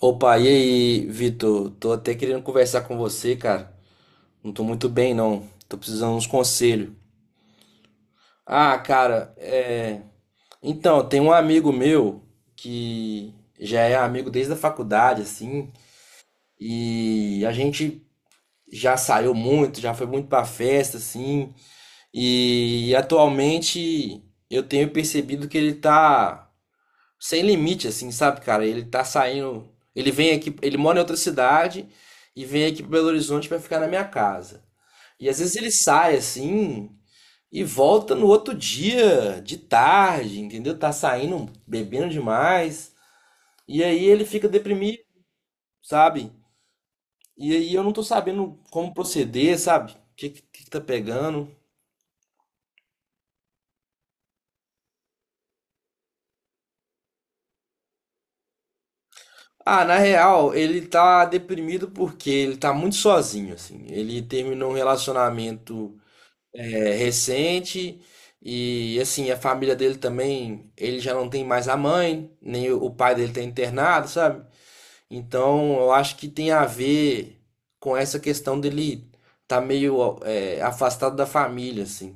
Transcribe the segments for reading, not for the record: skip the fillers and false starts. Opa, e aí, Vitor? Tô até querendo conversar com você, cara. Não tô muito bem, não. Tô precisando de uns conselhos. Ah, cara, é. Então, tem um amigo meu que já é amigo desde a faculdade, assim, e a gente já saiu muito, já foi muito pra festa, assim, e atualmente eu tenho percebido que ele tá sem limite, assim, sabe, cara? Ele tá saindo. Ele vem aqui, ele mora em outra cidade e vem aqui para Belo Horizonte para ficar na minha casa. E às vezes ele sai assim e volta no outro dia, de tarde, entendeu? Tá saindo, bebendo demais. E aí ele fica deprimido, sabe? E aí eu não tô sabendo como proceder, sabe? Que que tá pegando? Ah, na real, ele tá deprimido porque ele tá muito sozinho, assim. Ele terminou um relacionamento recente. E assim, a família dele também, ele já não tem mais a mãe, nem o pai dele tá internado, sabe? Então eu acho que tem a ver com essa questão dele tá meio afastado da família, assim.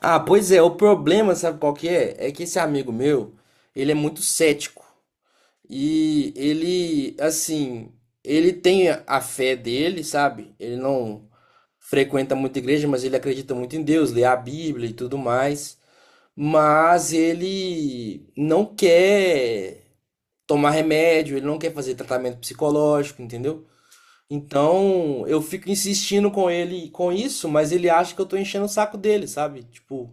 Ah, pois é, o problema, sabe qual que é? É que esse amigo meu, ele é muito cético. E ele, assim, ele tem a fé dele, sabe? Ele não frequenta muita igreja, mas ele acredita muito em Deus, lê a Bíblia e tudo mais, mas ele não quer tomar remédio, ele não quer fazer tratamento psicológico, entendeu? Então, eu fico insistindo com ele com isso, mas ele acha que eu tô enchendo o saco dele, sabe? Tipo,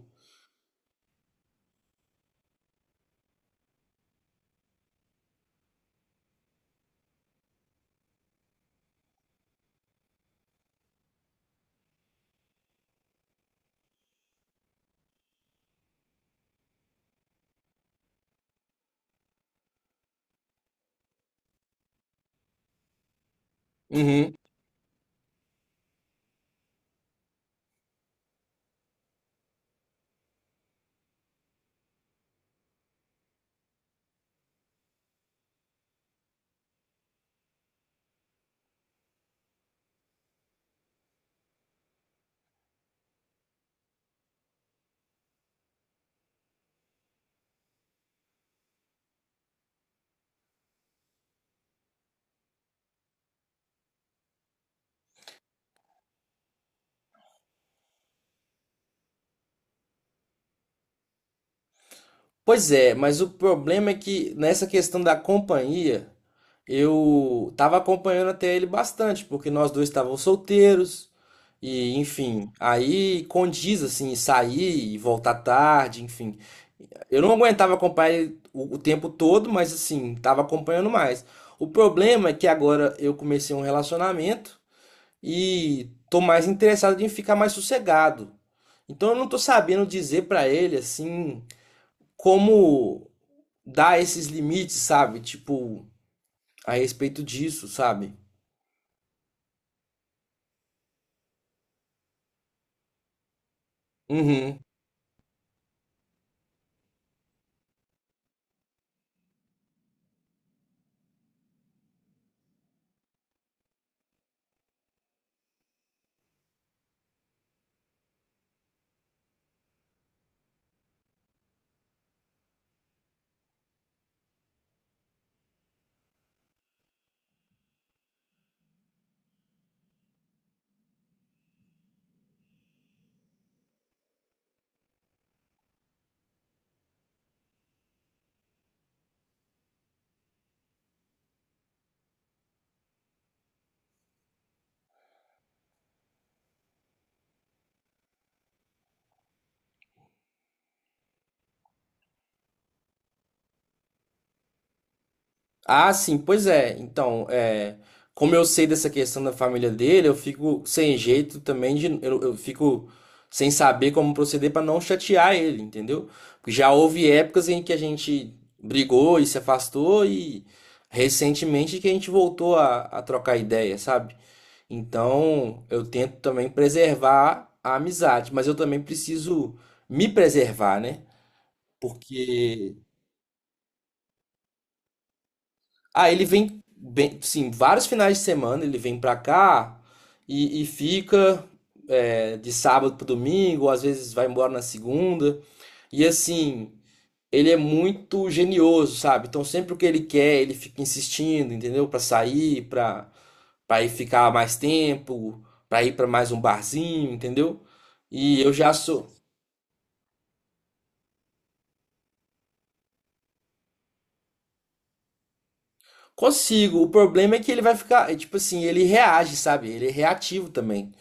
uhum. Pois é, mas o problema é que nessa questão da companhia, eu tava acompanhando até ele bastante, porque nós dois estávamos solteiros, e enfim, aí condiz assim, sair e voltar tarde, enfim. Eu não aguentava acompanhar ele o tempo todo, mas assim, tava acompanhando mais. O problema é que agora eu comecei um relacionamento e tô mais interessado em ficar mais sossegado. Então eu não tô sabendo dizer pra ele assim como dar esses limites, sabe? Tipo, a respeito disso, sabe? Uhum. Ah, sim, pois é. Então, é, como eu sei dessa questão da família dele, eu fico sem jeito também de, eu fico sem saber como proceder pra não chatear ele, entendeu? Porque já houve épocas em que a gente brigou e se afastou e recentemente que a gente voltou a trocar ideia, sabe? Então, eu tento também preservar a amizade, mas eu também preciso me preservar, né? Porque ah, ele vem bem, sim, vários finais de semana ele vem pra cá e fica de sábado para domingo, ou às vezes vai embora na segunda. E assim, ele é muito genioso, sabe? Então sempre o que ele quer, ele fica insistindo, entendeu? Pra sair, pra para ir ficar mais tempo, para ir para mais um barzinho, entendeu? E eu já sou. Consigo. O problema é que ele vai ficar. Tipo assim, ele reage, sabe? Ele é reativo também.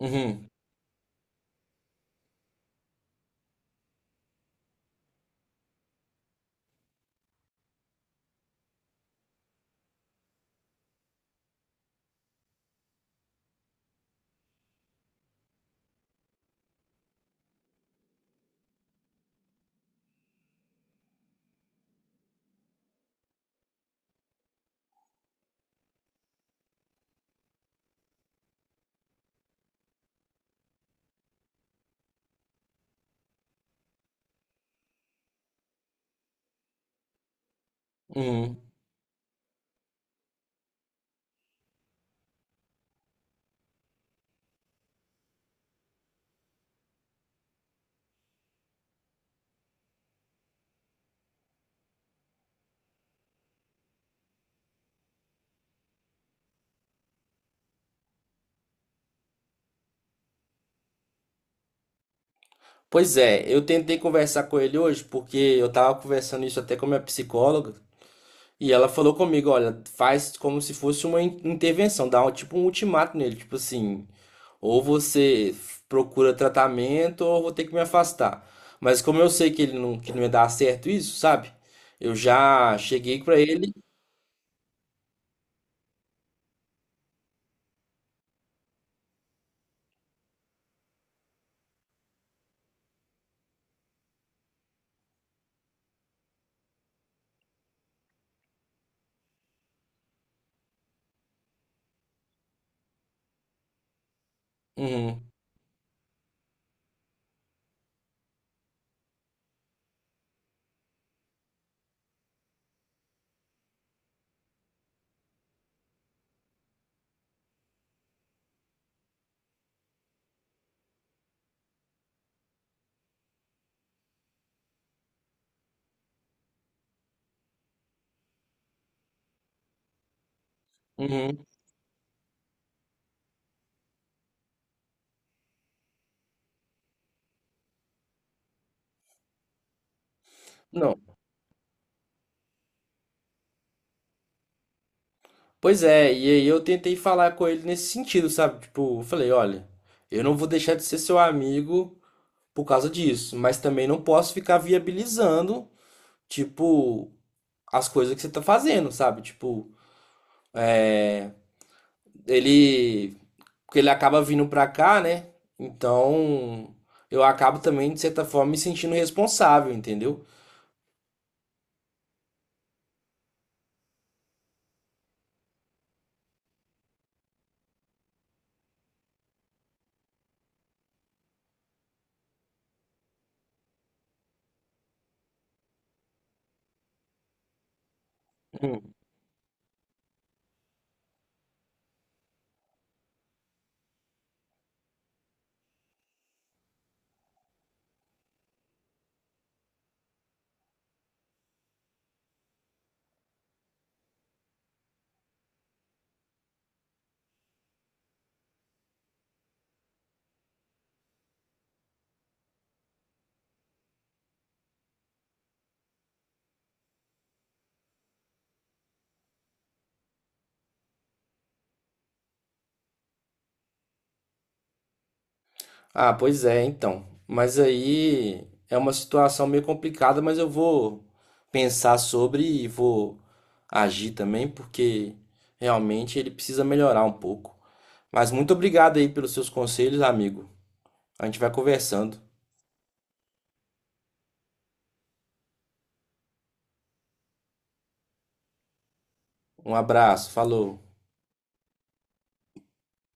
Uhum, uhum. Pois é, eu tentei conversar com ele hoje, porque eu tava conversando isso até com a minha psicóloga. E ela falou comigo, olha, faz como se fosse uma intervenção, dá um, tipo um ultimato nele, tipo assim, ou você procura tratamento ou eu vou ter que me afastar. Mas como eu sei que ele não, que não ia dar certo isso, sabe? Eu já cheguei pra ele. Uhum, uhum. Não. Pois é, e aí eu tentei falar com ele nesse sentido, sabe? Tipo, eu falei, olha, eu não vou deixar de ser seu amigo por causa disso, mas também não posso ficar viabilizando, tipo, as coisas que você tá fazendo, sabe? Tipo, é, ele. Porque ele acaba vindo pra cá, né? Então, eu acabo também, de certa forma, me sentindo responsável, entendeu? Hum. Ah, pois é, então. Mas aí é uma situação meio complicada, mas eu vou pensar sobre e vou agir também, porque realmente ele precisa melhorar um pouco. Mas muito obrigado aí pelos seus conselhos, amigo. A gente vai conversando. Um abraço, falou.